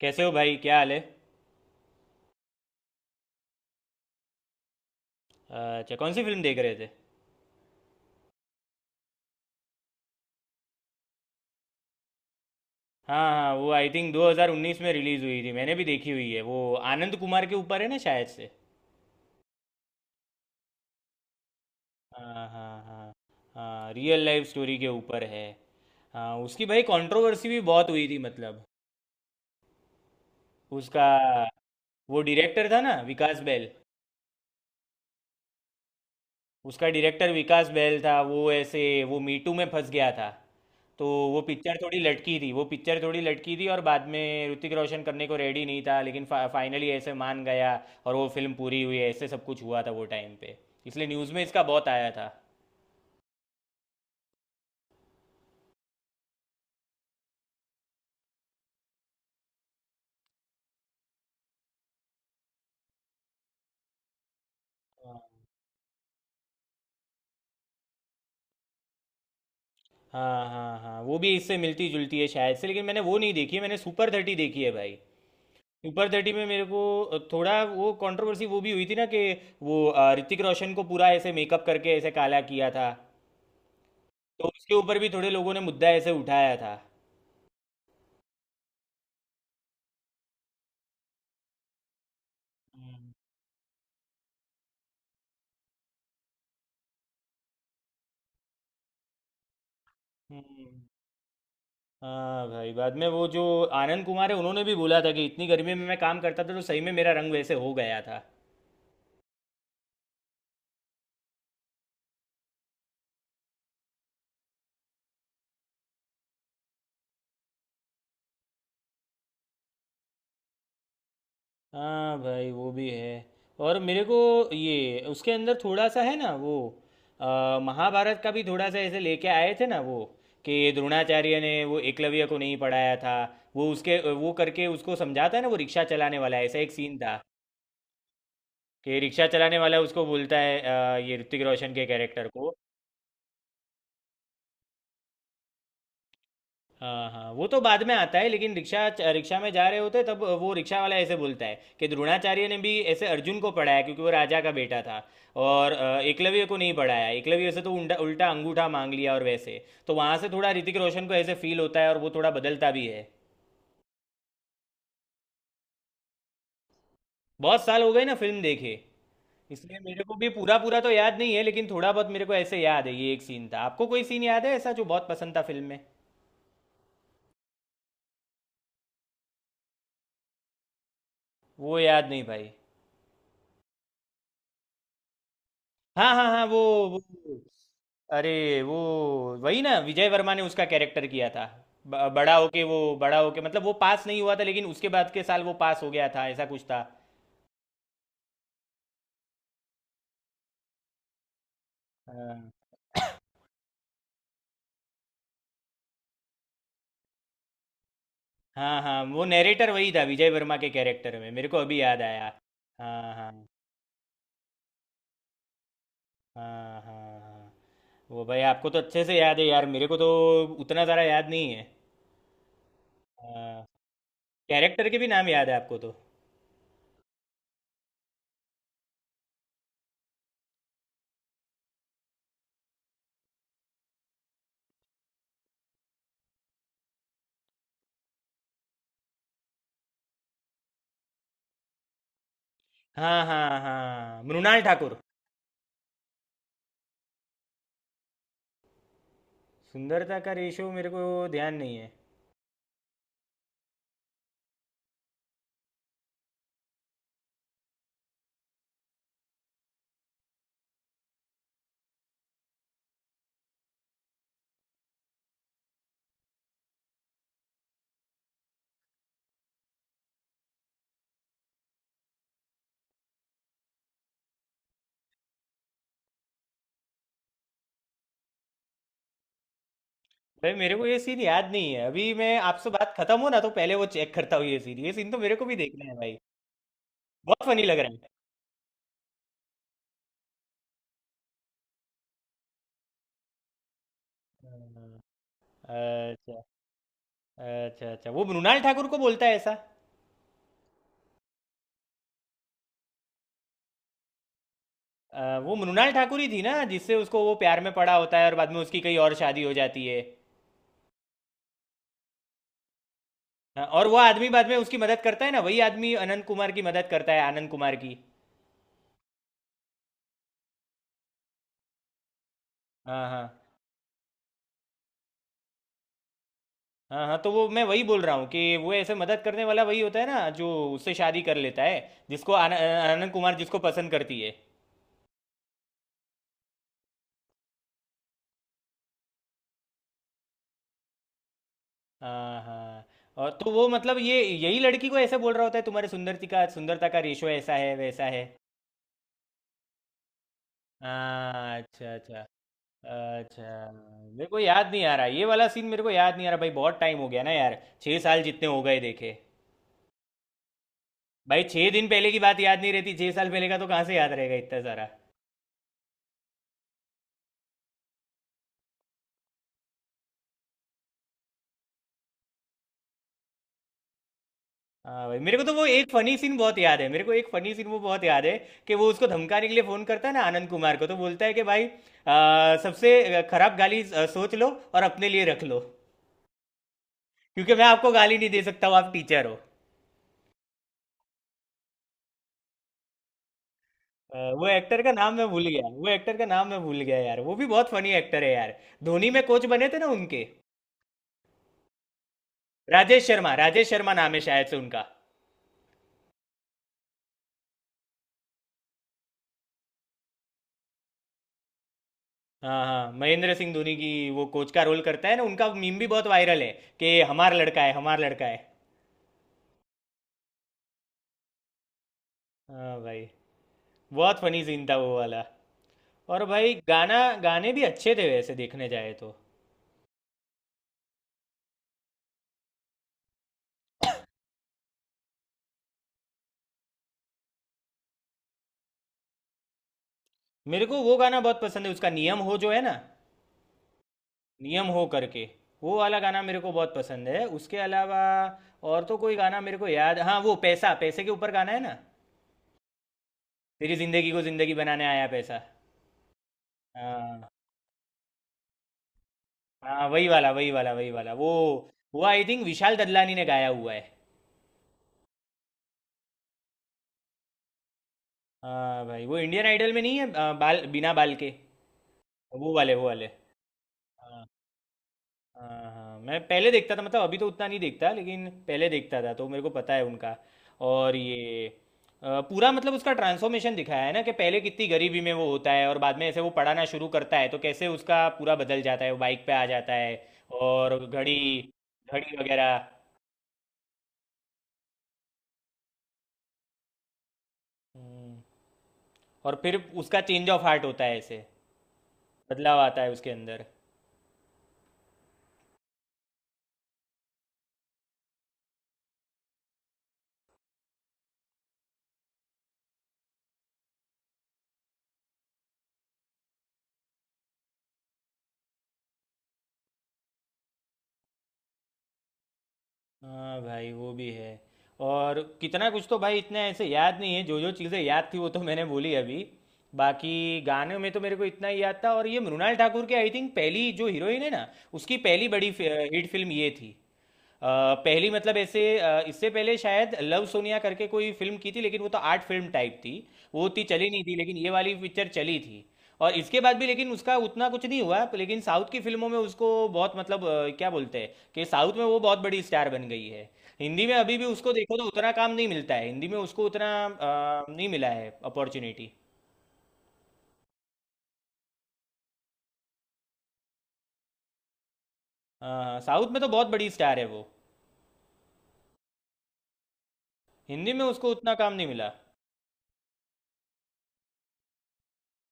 कैसे हो भाई? क्या हाल है? अच्छा, कौन सी फिल्म देख रहे थे? हाँ हाँ, वो आई थिंक 2019 में रिलीज़ हुई थी। मैंने भी देखी हुई है वो। आनंद कुमार के ऊपर है ना शायद से। हाँ हाँ हाँ। हाँ, रियल लाइफ स्टोरी के ऊपर है। हाँ, उसकी भाई कंट्रोवर्सी भी बहुत हुई थी, मतलब उसका। वो डायरेक्टर था ना, विकास बैल। उसका डायरेक्टर विकास बैल था। वो ऐसे, वो मीटू में फंस गया था। तो वो पिक्चर थोड़ी लटकी थी, वो पिक्चर थोड़ी लटकी थी, और बाद में ऋतिक रोशन करने को रेडी नहीं था लेकिन फाइनली ऐसे मान गया। और वो फिल्म पूरी हुई, ऐसे सब कुछ हुआ था वो टाइम पे। इसलिए न्यूज़ में इसका बहुत आया था। हाँ हाँ हाँ, वो भी इससे मिलती जुलती है शायद से, लेकिन मैंने वो नहीं देखी है। मैंने सुपर थर्टी देखी है भाई। सुपर थर्टी में मेरे को थोड़ा वो कंट्रोवर्सी वो भी हुई थी ना, कि वो ऋतिक रोशन को पूरा ऐसे मेकअप करके ऐसे काला किया था। तो उसके ऊपर भी थोड़े लोगों ने मुद्दा ऐसे उठाया था। हम्म। हम्म। हाँ भाई, बाद में वो जो आनंद कुमार है उन्होंने भी बोला था कि इतनी गर्मी में मैं काम करता था तो सही में मेरा रंग वैसे हो गया था। हाँ भाई वो भी है। और मेरे को ये उसके अंदर थोड़ा सा है ना वो, अ, महाभारत का भी थोड़ा सा ऐसे लेके आए थे ना वो, कि द्रोणाचार्य ने वो एकलव्य को नहीं पढ़ाया था। वो उसके वो करके उसको समझाता है ना, वो रिक्शा चलाने वाला, ऐसा एक सीन था। कि रिक्शा चलाने वाला उसको बोलता है, ये ऋतिक रोशन के कैरेक्टर को। हाँ हाँ, वो तो बाद में आता है लेकिन रिक्शा, रिक्शा में जा रहे होते तब वो रिक्शा वाला ऐसे बोलता है कि द्रोणाचार्य ने भी ऐसे अर्जुन को पढ़ाया क्योंकि वो राजा का बेटा था। और एकलव्य को नहीं पढ़ाया, एकलव्य से तो उल्टा उल्टा अंगूठा मांग लिया और वैसे। तो वहाँ से थोड़ा ऋतिक रोशन को ऐसे फील होता है और वो थोड़ा बदलता भी है। बहुत साल हो गए ना फिल्म देखे, इसलिए मेरे को भी पूरा पूरा तो याद नहीं है, लेकिन थोड़ा बहुत मेरे को ऐसे याद है, ये एक सीन था। आपको कोई सीन याद है ऐसा जो बहुत पसंद था फिल्म में? वो याद नहीं भाई। हाँ हाँ हाँ, वो अरे वो वही ना, विजय वर्मा ने उसका कैरेक्टर किया था। बड़ा होके, वो बड़ा होके मतलब वो पास नहीं हुआ था लेकिन उसके बाद के साल वो पास हो गया था, ऐसा कुछ था। हाँ हाँ हाँ, वो नैरेटर वही था, विजय वर्मा के कैरेक्टर में, मेरे को अभी याद आया। हाँ हाँ हाँ हाँ हाँ। वो भाई आपको तो अच्छे से याद है यार, मेरे को तो उतना ज़्यादा याद नहीं है। हाँ, कैरेक्टर के भी नाम याद है आपको तो। हाँ हाँ हाँ, मृणाल ठाकुर। सुंदरता का रेशो मेरे को ध्यान नहीं है। भाई मेरे को ये सीन याद नहीं है। अभी मैं आपसे बात खत्म हो ना तो पहले वो चेक करता हूँ, ये सीन, ये सीन तो मेरे को भी देखना है भाई। बहुत फनी लग रहा है। अच्छा अच्छा। अच्छा वो मृणाल ठाकुर को बोलता है ऐसा? वो मृणाल ठाकुर ही थी ना जिससे उसको वो प्यार में पड़ा होता है, और बाद में उसकी कई और शादी हो जाती है? हाँ, और वो आदमी बाद में उसकी मदद करता है ना, वही आदमी अनंत कुमार की मदद करता है, आनंद कुमार की। हाँ हाँ हाँ हाँ, तो वो मैं वही बोल रहा हूँ कि वो ऐसे मदद करने वाला वही होता है ना जो उससे शादी कर लेता है, जिसको आनंद कुमार जिसको पसंद करती है। हाँ हाँ, और तो वो मतलब ये यही लड़की को ऐसे बोल रहा होता है, तुम्हारे सुंदरती का, सुंदरता का रेशो ऐसा है वैसा है। हाँ अच्छा अच्छा। अच्छा, मेरे को याद नहीं आ रहा ये वाला सीन, मेरे को याद नहीं आ रहा भाई, बहुत टाइम हो गया ना यार, 6 साल जितने हो गए देखे। भाई 6 दिन पहले की बात याद नहीं रहती, 6 साल पहले का तो कहाँ से याद रहेगा इतना सारा। हाँ भाई, मेरे को तो वो एक फनी सीन बहुत याद है, मेरे को एक फनी सीन वो बहुत याद है। कि वो उसको धमकाने के लिए फोन करता है ना आनंद कुमार को, तो बोलता है कि भाई, सबसे खराब गाली सोच लो और अपने लिए रख लो, क्योंकि मैं आपको गाली नहीं दे सकता हूँ, आप टीचर हो। वो एक्टर का नाम मैं भूल गया, वो एक्टर का नाम मैं भूल गया यार, वो भी बहुत फनी एक्टर है यार। धोनी में कोच बने थे ना उनके। राजेश शर्मा, राजेश शर्मा नाम है शायद से उनका। हाँ हाँ, महेंद्र सिंह धोनी की। वो कोच का रोल करता है ना उनका, मीम भी बहुत वायरल है कि हमारा लड़का है, हमारा लड़का है। हाँ भाई, बहुत फनी सीन था वो वाला। और भाई गाना गाने भी अच्छे थे वैसे देखने जाए तो। मेरे को वो गाना बहुत पसंद है उसका, नियम हो जो है ना, नियम हो करके, वो वाला गाना मेरे को बहुत पसंद है। उसके अलावा और तो कोई गाना मेरे को याद। हाँ, वो पैसा, पैसे के ऊपर गाना है ना, तेरी जिंदगी को जिंदगी बनाने आया पैसा। हाँ हाँ, वही वाला वही वाला वही वाला वो आई थिंक विशाल ददलानी ने गाया हुआ है। हाँ भाई, वो इंडियन आइडल में नहीं है, बाल बिना बाल के, वो वाले वो वाले। हाँ हाँ हाँ, मैं पहले देखता था मतलब, अभी तो उतना नहीं देखता लेकिन पहले देखता था तो मेरे को पता है उनका। और ये पूरा, मतलब उसका ट्रांसफॉर्मेशन दिखाया है ना, कि पहले कितनी गरीबी में वो होता है और बाद में ऐसे वो पढ़ाना शुरू करता है तो कैसे उसका पूरा बदल जाता है, वो बाइक पे आ जाता है, और घड़ी, घड़ी वगैरह। हम्म। और फिर उसका चेंज ऑफ हार्ट होता है ऐसे, बदलाव आता है उसके अंदर। हाँ भाई वो भी है। और कितना कुछ, तो भाई इतना ऐसे याद नहीं है, जो जो चीज़ें याद थी वो तो मैंने बोली अभी। बाकी गाने में तो मेरे को इतना ही याद था। और ये मृणाल ठाकुर की आई थिंक पहली जो हीरोइन है ना, उसकी पहली बड़ी हिट फिल्म ये थी। अ, पहली मतलब ऐसे, इससे पहले शायद लव सोनिया करके कोई फिल्म की थी, लेकिन वो तो आर्ट फिल्म टाइप थी। वो उतनी चली नहीं थी, लेकिन ये वाली पिक्चर चली थी। और इसके बाद भी लेकिन उसका उतना कुछ नहीं हुआ, लेकिन साउथ की फिल्मों में उसको बहुत, मतलब क्या बोलते हैं, कि साउथ में वो बहुत बड़ी स्टार बन गई है। हिंदी में अभी भी उसको देखो तो उतना काम नहीं मिलता है, हिंदी में उसको उतना नहीं मिला है अपॉर्चुनिटी। साउथ में तो बहुत बड़ी स्टार है वो, हिंदी में उसको उतना काम नहीं मिला।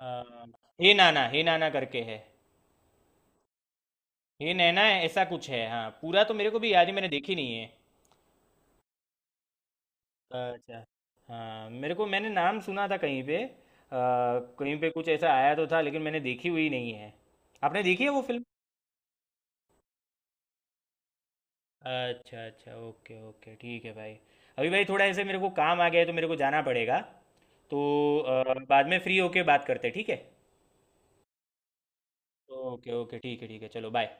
अ, हे नाना, हे नाना करके है, हे नैना है, ऐसा कुछ है, हाँ। पूरा तो मेरे को भी याद, ही मैंने देखी नहीं है। अच्छा, हाँ मेरे को, मैंने नाम सुना था कहीं पे, कहीं पे कुछ ऐसा आया तो था, लेकिन मैंने देखी हुई नहीं है। आपने देखी है वो फिल्म? अच्छा अच्छा, ओके ओके, ठीक है भाई। अभी भाई थोड़ा ऐसे मेरे को काम आ गया है तो मेरे को जाना पड़ेगा। तो बाद में फ्री होके बात करते हैं, ठीक है? ओके ओके, ठीक है ठीक है, चलो बाय।